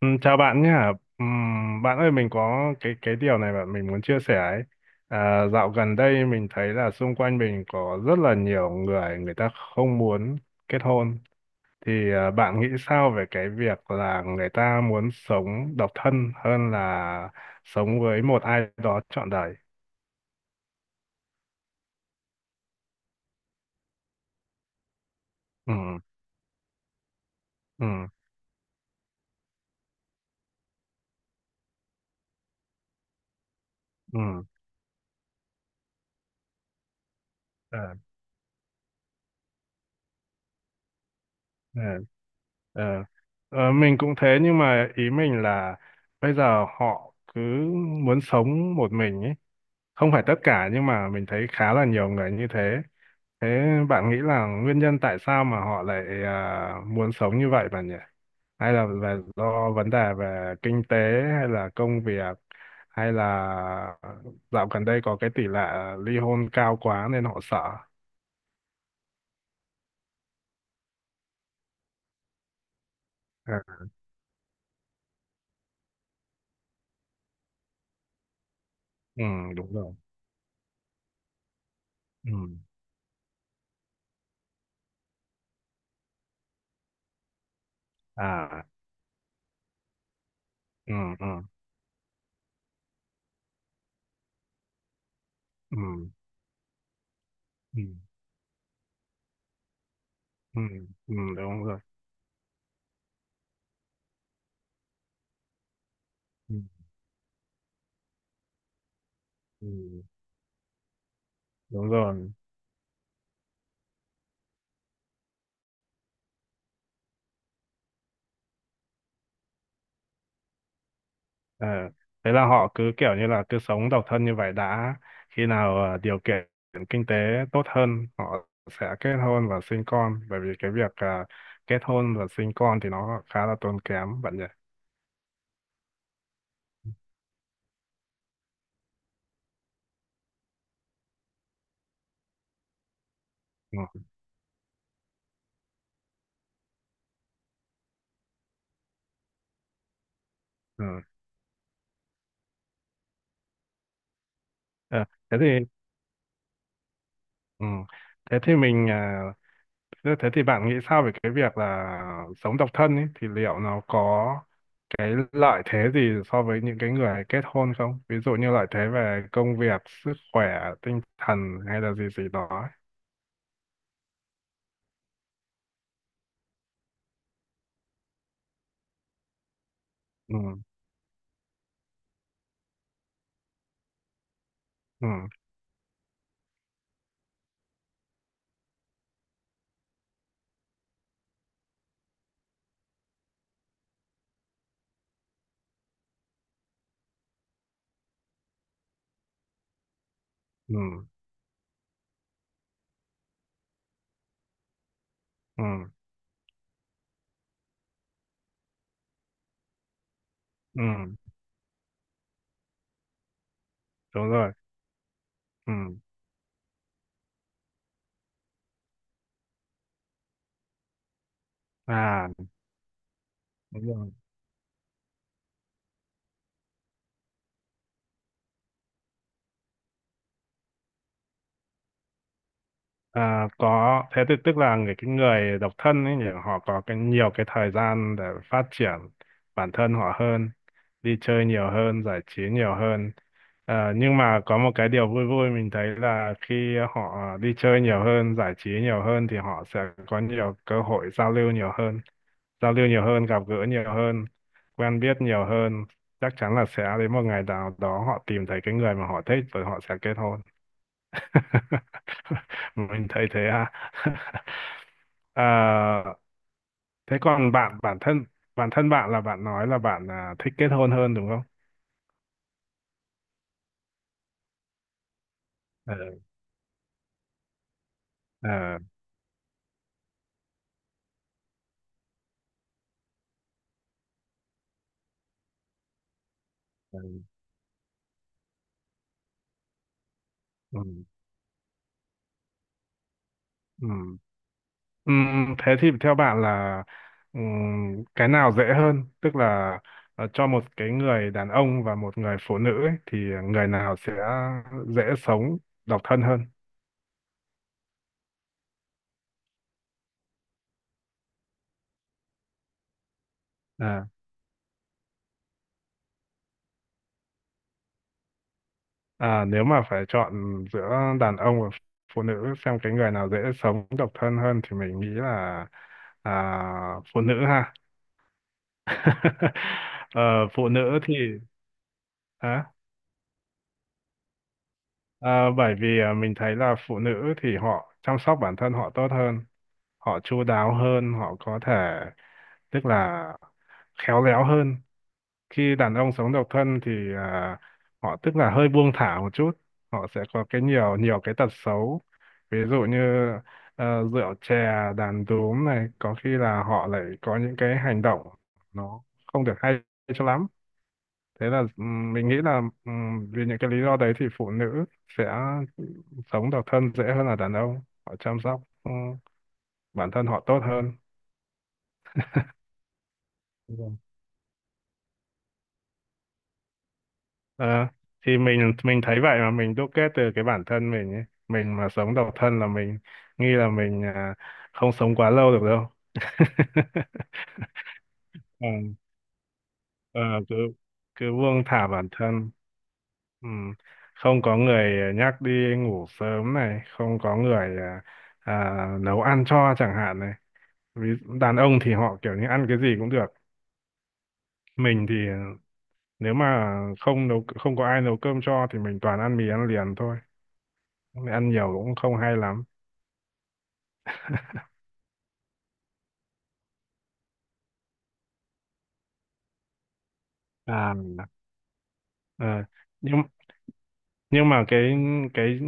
Ừ, chào bạn nhé. Bạn ơi mình có cái điều này bạn mình muốn chia sẻ ấy. À, dạo gần đây mình thấy là xung quanh mình có rất là nhiều người, người ta không muốn kết hôn. Thì bạn nghĩ sao về cái việc là người ta muốn sống độc thân hơn là sống với một ai đó trọn đời? Ừ, ừ, ừ. Ờ, ờ, ờ. Ờ, mình cũng thế nhưng mà ý mình là bây giờ họ cứ muốn sống một mình ấy, không phải tất cả nhưng mà mình thấy khá là nhiều người như thế. Thế bạn nghĩ là nguyên nhân tại sao mà họ lại muốn sống như vậy bạn nhỉ, hay là do vấn đề về kinh tế hay là công việc hay là dạo gần đây có cái tỷ lệ ly hôn cao quá nên họ sợ? Ừ. Ừ, đúng rồi. Ừ. À. Ừ. Ừ. Ừ. Ừ. Ừ, ừ, ừ, đúng rồi. Ừ, ừ, đúng rồi. Ờ, thế là họ cứ kiểu như là cứ sống độc thân như vậy đã. Khi nào điều kiện kinh tế tốt hơn, họ sẽ kết hôn và sinh con. Bởi vì cái việc kết hôn và sinh con thì nó khá là tốn kém bạn nhỉ. Ừ. Ừ. Ờ, thế thì. Ừ. Thế thì mình à, thế thế thì bạn nghĩ sao về cái việc là sống độc thân ấy thì liệu nó có cái lợi thế gì so với những cái người kết hôn không? Ví dụ như lợi thế về công việc, sức khỏe, tinh thần hay là gì gì đó ấy. Ừ. Ừ. Ừ. Ừ. Ừ, đúng rồi. Ừ. À, đúng rồi. À, có thế thì tức là cái người độc thân ấy nhỉ, họ có cái nhiều cái thời gian để phát triển bản thân họ hơn, đi chơi nhiều hơn, giải trí nhiều hơn. Nhưng mà có một cái điều vui vui mình thấy là khi họ đi chơi nhiều hơn giải trí nhiều hơn thì họ sẽ có nhiều cơ hội giao lưu nhiều hơn, giao lưu nhiều hơn, gặp gỡ nhiều hơn, quen biết nhiều hơn, chắc chắn là sẽ đến một ngày nào đó họ tìm thấy cái người mà họ thích và họ sẽ kết hôn. Mình thấy thế à. Ờ, thế còn bạn bản thân bạn là bạn nói là bạn thích kết hôn hơn đúng không? Ờ, ờ, ờ, ừ, ừ. Ừ, thế thì theo bạn là, ừ, cái nào dễ hơn, tức là cho một cái người đàn ông và một người phụ nữ ấy, thì người nào sẽ dễ sống độc thân hơn? Ờ. À, nếu mà phải chọn giữa đàn ông và phụ nữ xem cái người nào dễ sống độc thân hơn thì mình nghĩ là à, phụ nữ ha. Ờ, phụ nữ thì, hả? Ờ, bởi vì mình thấy là phụ nữ thì họ chăm sóc bản thân họ tốt hơn, họ chu đáo hơn, họ có thể, tức là khéo léo hơn. Khi đàn ông sống độc thân thì họ, tức là hơi buông thả một chút, họ sẽ có cái nhiều nhiều cái tật xấu. Ví dụ như rượu chè, đàn đúm này, có khi là họ lại có những cái hành động nó không được hay cho lắm. Thế là mình nghĩ là vì những cái lý do đấy thì phụ nữ sẽ sống độc thân dễ hơn là đàn ông, họ chăm sóc bản thân họ tốt hơn. Đúng rồi. Ờ, thì mình thấy vậy mà mình đúc kết từ cái bản thân mình ấy. Mình mà sống độc thân là mình nghĩ là mình không sống quá lâu được đâu. Ờ, ờ, cứ cứ buông thả bản thân. Ừ. Không có người nhắc đi ngủ sớm này, không có người nấu ăn cho chẳng hạn này. Đàn ông thì họ kiểu như ăn cái gì cũng được, mình thì nếu mà không có ai nấu cơm cho thì mình toàn ăn mì ăn liền thôi. Ăn nhiều cũng không hay lắm à. Ờ, nhưng nhưng mà cái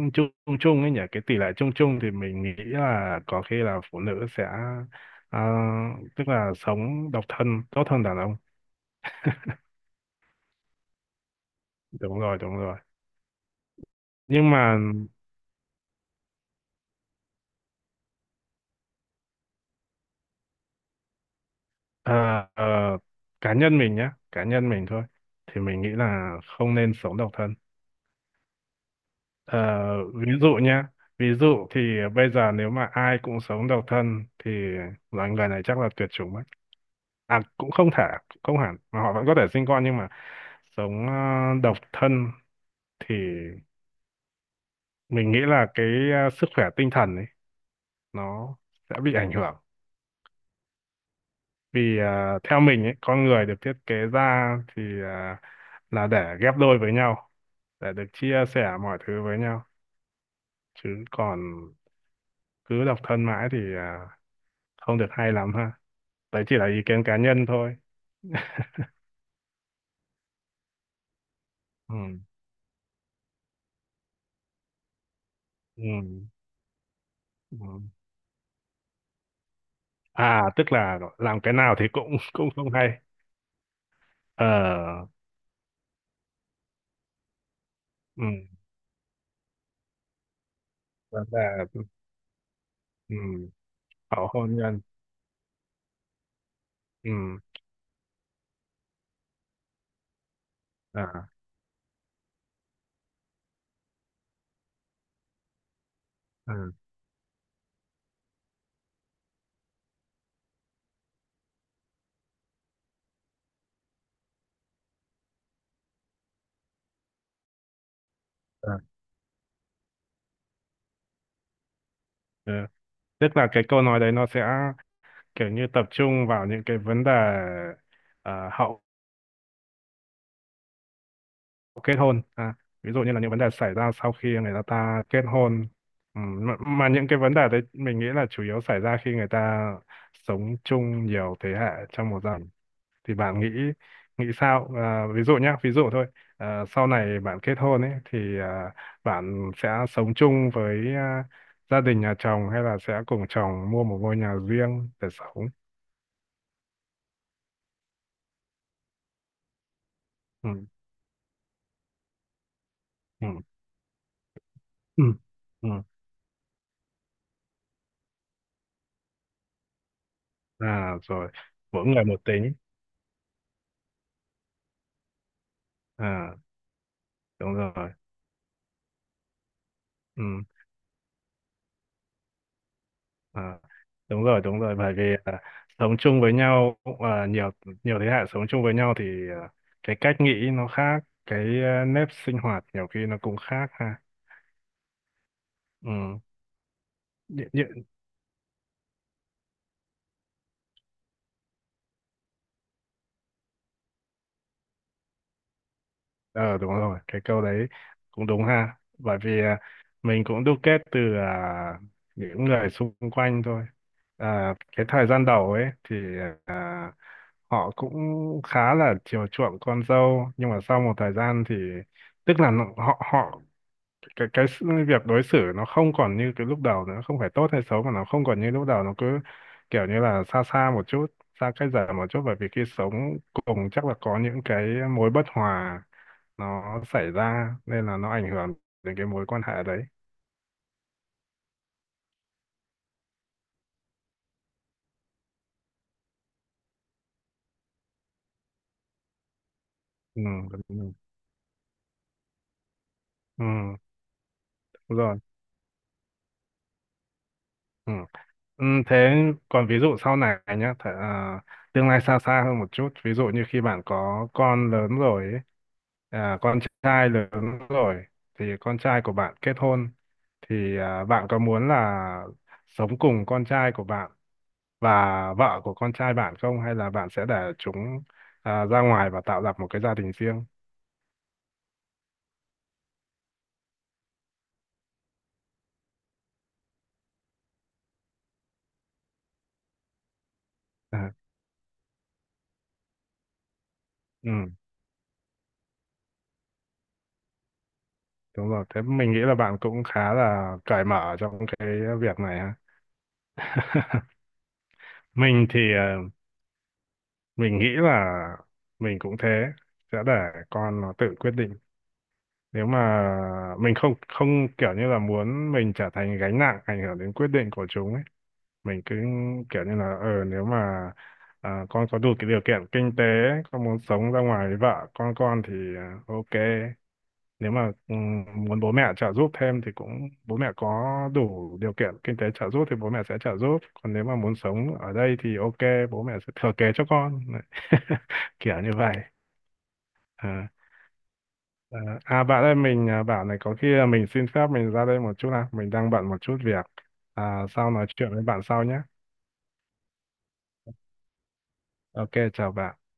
chung chung ấy nhỉ, cái tỷ lệ chung chung thì mình nghĩ là có khi là phụ nữ sẽ ờ, tức là sống độc thân tốt hơn đàn ông. Đúng rồi, đúng rồi. Nhưng mà ờ, ờ, cá nhân mình nhé, cá nhân mình thôi thì mình nghĩ là không nên sống độc thân. Ờ, ví dụ nhá, ví dụ thì bây giờ nếu mà ai cũng sống độc thân thì loài người này chắc là tuyệt chủng mất. À, cũng không thể, cũng không hẳn, mà họ vẫn có thể sinh con nhưng mà sống độc thân thì mình nghĩ là cái sức khỏe tinh thần ấy nó sẽ bị ảnh hưởng. Vì theo mình ấy, con người được thiết kế ra thì là để ghép đôi với nhau, để được chia sẻ mọi thứ với nhau. Chứ còn cứ độc thân mãi thì không được hay lắm ha. Đấy chỉ là ý kiến cá nhân thôi. Ừ. Ừ. Ừ. À, tức là làm cái nào thì cũng cũng không hay. Ờ. Ừ. Và là. Ừ. Hậu hôn nhân. Ừ. À, à, à. Ừ. Tức là cái câu nói đấy nó sẽ kiểu như tập trung vào những cái vấn đề ờ, hậu kết hôn, ví dụ như là những vấn đề xảy ra sau khi người ta kết hôn. Ừ, mà những cái vấn đề đấy mình nghĩ là chủ yếu xảy ra khi người ta sống chung nhiều thế hệ trong một gia đình. Thì bạn nghĩ nghĩ sao, ví dụ nhá, ví dụ thôi. Sau này bạn kết hôn ấy thì bạn sẽ sống chung với gia đình nhà chồng hay là sẽ cùng chồng mua một ngôi nhà riêng để sống? Ừ, ừ, ừ, ừ. À, rồi. Mỗi người một tính. À. Đúng rồi. Ừ, à, đúng rồi, bởi vì sống chung với nhau nhiều nhiều thế hệ sống chung với nhau thì à, cái cách nghĩ nó khác, cái nếp sinh hoạt nhiều khi nó cũng khác ha. Ừ, như, như, ờ, đúng rồi, cái câu đấy cũng đúng ha, bởi vì mình cũng đúc kết từ những người xung quanh thôi. À, cái thời gian đầu ấy thì à, họ cũng khá là chiều chuộng con dâu nhưng mà sau một thời gian thì tức là nó- họ họ cái sự- việc đối xử nó không còn như cái lúc đầu nữa, không phải tốt hay xấu mà nó không còn như lúc đầu, nó cứ kiểu như là xa xa một chút, xa cách dần một chút, bởi vì khi sống cùng chắc là có những cái mối bất hòa nó xảy ra nên là nó ảnh hưởng đến cái mối quan hệ đấy. Ừ, đúng rồi. Ừ, đúng rồi. Ừ. Ừ, thế còn ví dụ sau này nhá, tương lai xa xa hơn một chút, ví dụ như khi bạn có con lớn rồi ấy, con trai lớn rồi thì con trai của bạn kết hôn thì bạn có muốn là sống cùng con trai của bạn và vợ của con trai bạn không hay là bạn sẽ để chúng ra ngoài và tạo lập một cái gia đình riêng? À, ừ, đúng rồi. Thế mình nghĩ là bạn cũng khá là cởi mở trong cái việc này ha. Mình thì mình nghĩ là mình cũng thế, sẽ để con nó tự quyết định, nếu mà mình không không kiểu như là muốn mình trở thành gánh nặng ảnh hưởng đến quyết định của chúng ấy. Mình cứ kiểu như là nếu mà con có đủ cái điều kiện kinh tế, con muốn sống ra ngoài với vợ con thì ok. Nếu mà muốn bố mẹ trợ giúp thêm thì cũng bố mẹ có đủ điều kiện kinh tế trợ giúp thì bố mẹ sẽ trợ giúp, còn nếu mà muốn sống ở đây thì ok bố mẹ sẽ thừa kế cho con. Đấy. Kiểu như vậy. à, à Bạn ơi mình bảo này có khi là mình xin phép mình ra đây một chút nào, mình đang bận một chút việc. Sau nói chuyện với bạn sau nhé. Ok chào bạn.